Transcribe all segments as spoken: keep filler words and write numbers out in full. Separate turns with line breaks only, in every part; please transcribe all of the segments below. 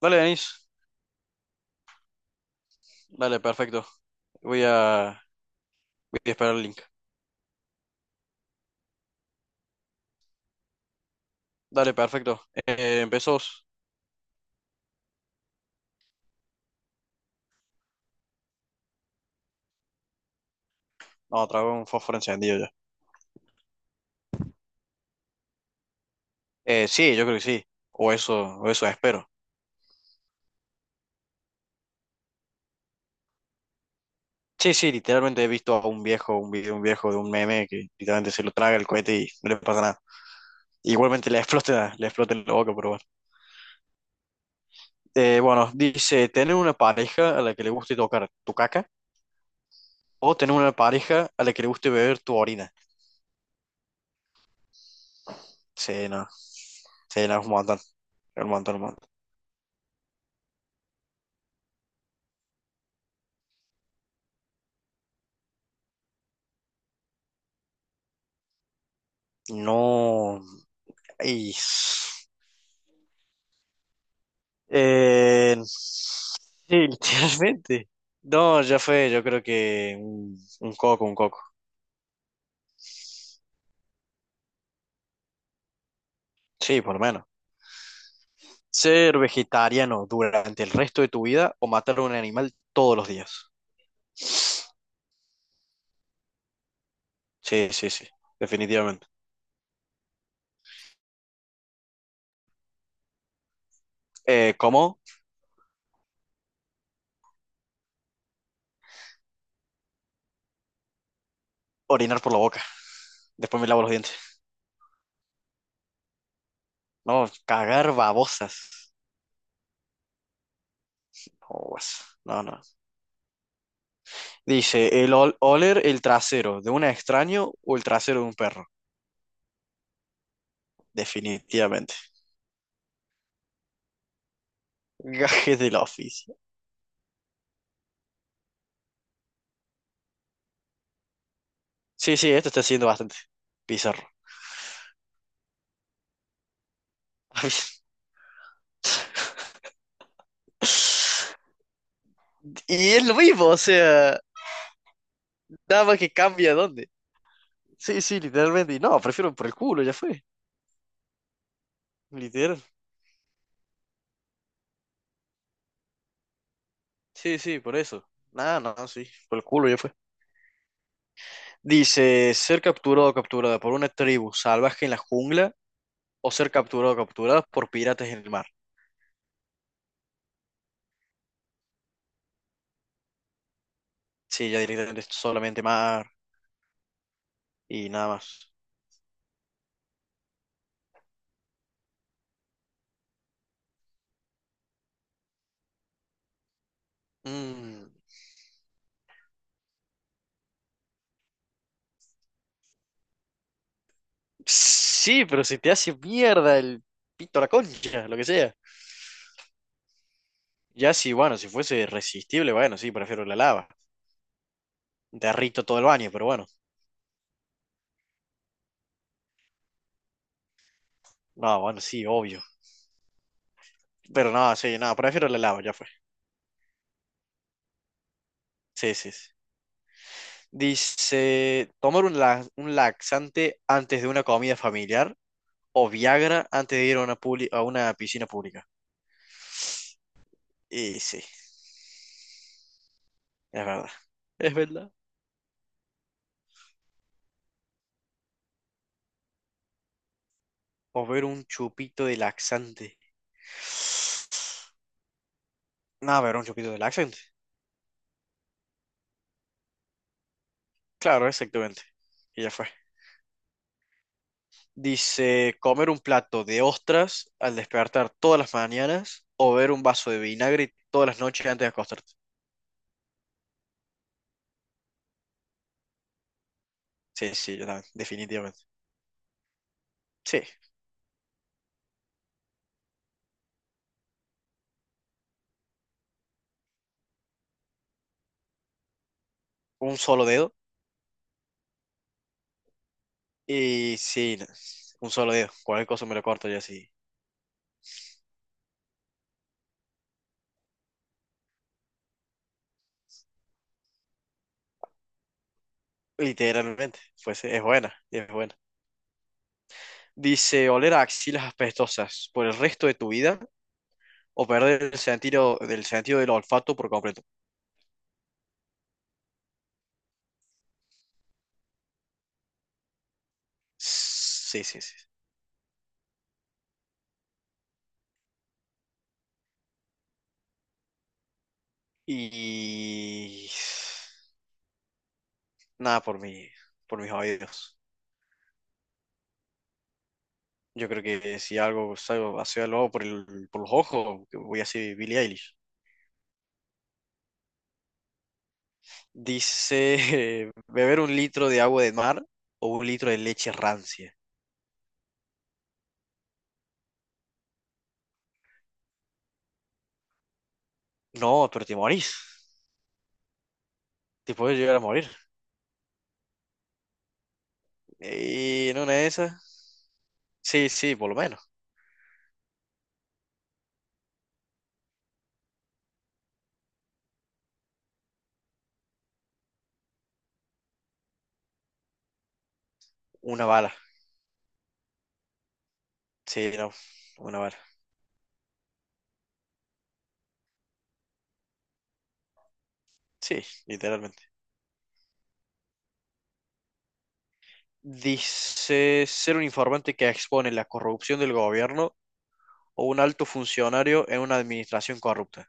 Dale, Denis. Dale, perfecto. Voy a, voy a esperar el link. Dale, perfecto. Eh, ¿empezamos? No, traigo un fósforo encendido ya. Eh, sí, yo creo que sí. O eso, o eso espero. Sí, sí, literalmente he visto a un viejo, un video, un viejo de un meme que literalmente se lo traga el cohete y no le pasa nada. Igualmente le explota, le explota en la boca, pero bueno. Eh, bueno, dice, tener una pareja a la que le guste tocar tu caca o tener una pareja a la que le guste beber tu orina. Sí, no, sí, no, es un montón, es un montón, un montón. No. Y, eh, sí, literalmente. No, ya fue, yo creo que un, un coco, un coco. Sí, por lo menos. Ser vegetariano durante el resto de tu vida o matar a un animal todos los días. Sí, sí, sí, definitivamente. Eh, ¿cómo? Orinar por la boca. Después me lavo los dientes. No, cagar babosas. No, guas. No, no. Dice, el ol- oler el trasero de un extraño o el trasero de un perro. Definitivamente. Gajes del oficio. Sí, sí, esto está siendo bastante bizarro. Y es lo mismo, o sea, nada más que cambia dónde. Sí, sí, literalmente. Y no, prefiero por el culo, ya fue. Literal. Sí, sí, por eso. Nada, no, sí, por el culo, ya fue. Dice, ser capturado o capturada por una tribu salvaje en la jungla o ser capturado o capturada por piratas en el mar. Sí, ya directamente es solamente mar y nada más. Mm, sí, pero si te hace mierda el pito a la concha, lo que sea. Ya sí, bueno, si fuese resistible, bueno, sí, prefiero la lava. Derrito todo el baño, pero bueno. No, bueno, sí, obvio. Pero no, sí, no, prefiero la lava, ya fue. Sí, sí. Sí. Dice, tomar un, la- un laxante antes de una comida familiar o Viagra antes de ir a una, publi- a una piscina pública. Y sí, es verdad. Es verdad. O ver un chupito de laxante. No, ver un chupito de laxante. Claro, exactamente. Y ya fue. Dice, comer un plato de ostras al despertar todas las mañanas o beber un vaso de vinagre todas las noches antes de acostarte. Sí, sí, yo también, definitivamente. Sí, un solo dedo y sí, no, un solo dedo. Cualquier cosa me lo corto yo así. Literalmente, pues es buena, es buena. Dice, oler a axilas apestosas por el resto de tu vida o perder el sentido, del sentido del olfato por completo. Sí, sí, sí. Y nada por mí, por mis oídos. Yo creo que si algo salgo hacia el por el- por los ojos, que voy a ser Billie Eilish. Dice, beber un litro de agua de mar o un litro de leche rancia. No, pero te morís. Te puedes llegar a morir. Y en una de esas, sí, sí, por lo menos. Una bala. Sí, no, una bala. Sí, literalmente. Dice, ser un informante que expone la corrupción del gobierno o un alto funcionario en una administración corrupta.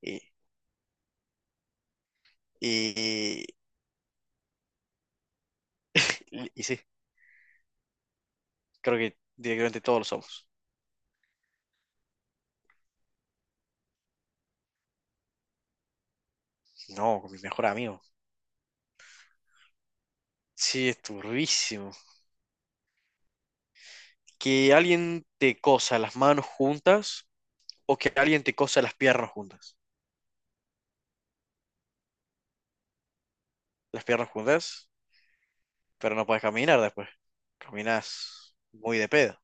Y, y, y, y sí. Creo que directamente todos lo somos. No, con mi mejor amigo. Sí, es turbísimo. Que alguien te cosa las manos juntas o que alguien te cosa las piernas juntas. Las piernas juntas, pero no puedes caminar después. Caminas muy de pedo.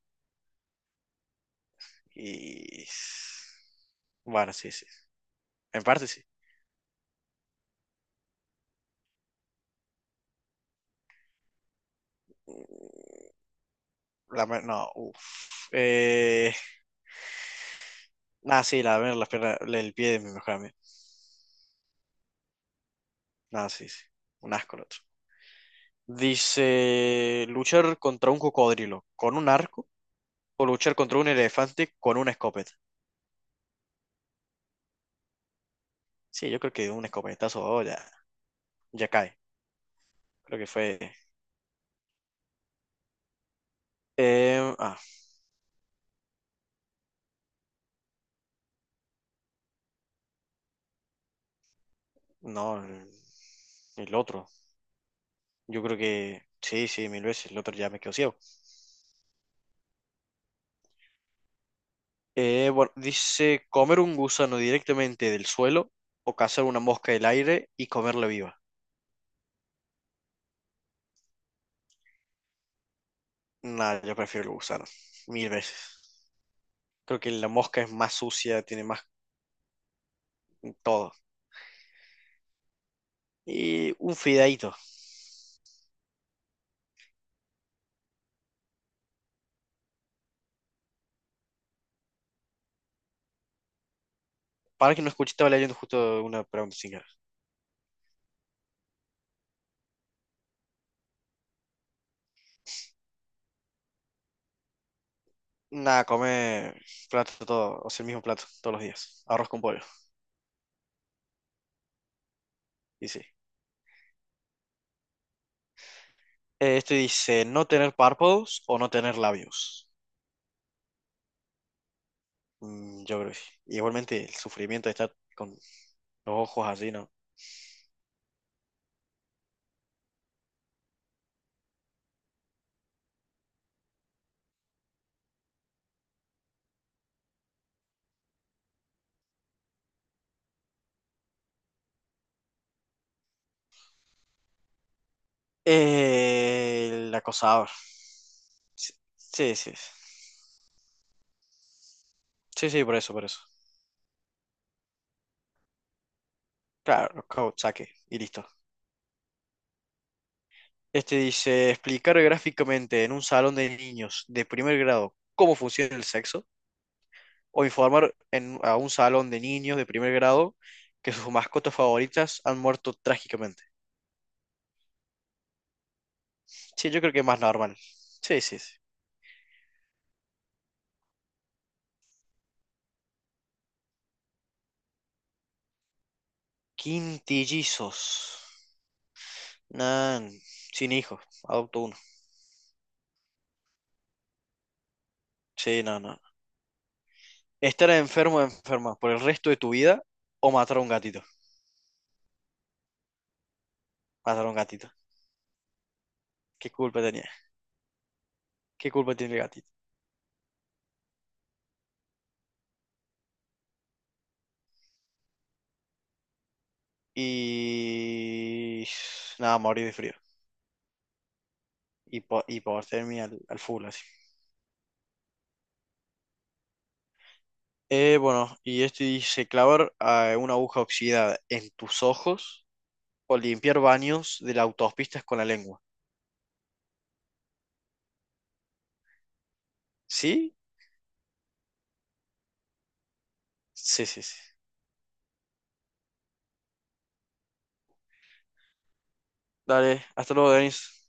Y... Bueno, sí, sí. En parte sí. La ma- no, uff. Eh, nada, sí, la, las piernas, el pie de mi mejor amigo. Nada, sí, sí. Un asco el otro. Dice, luchar contra un cocodrilo con un arco o luchar contra un elefante con una escopeta. Sí, yo creo que un escopetazo oh, ya, ya cae. Creo que fue... eh, ah, no, el, el otro. Yo creo que... Sí, sí, mil veces. El otro ya me quedó ciego. Eh, bueno, dice, comer un gusano directamente del suelo o cazar una mosca del aire y comerla viva. Nada, yo prefiero el gusano. Mil veces. Creo que la mosca es más sucia, tiene más todo. Y un fideíto. Para que no escuché, estaba leyendo justo una pregunta sin querer. Nada, come plato todo, o sea, el mismo plato todos los días. Arroz con pollo. Y sí. Eh, este dice, no tener párpados o no tener labios. Mm, yo creo que sí. Y igualmente el sufrimiento de estar con los ojos así, ¿no? Eh, el acosador. Sí, sí, sí. Sí, sí, por eso, por eso. Claro, cau- saque y listo. Este dice, explicar gráficamente en un salón de niños de primer grado cómo funciona el sexo. O informar en- a un salón de niños de primer grado que sus mascotas favoritas han muerto trágicamente. Sí, yo creo que es más normal. Sí, sí, sí. Quintillizos. Nah, sin hijos, adopto uno. Sí, no, no. Estar enfermo o enferma por el resto de tu vida o matar a un gatito. Matar a un gatito. ¿Qué culpa tenía? ¿Qué culpa tiene el gatito? Y... Nada, morir de frío. Hipo- hipotermia al, al full, así. Eh, bueno, y esto dice clavar eh, una aguja oxidada en tus ojos o limpiar baños de las autopistas con la lengua. ¿Sí? Sí, sí, sí. Dale, hasta luego, Denis.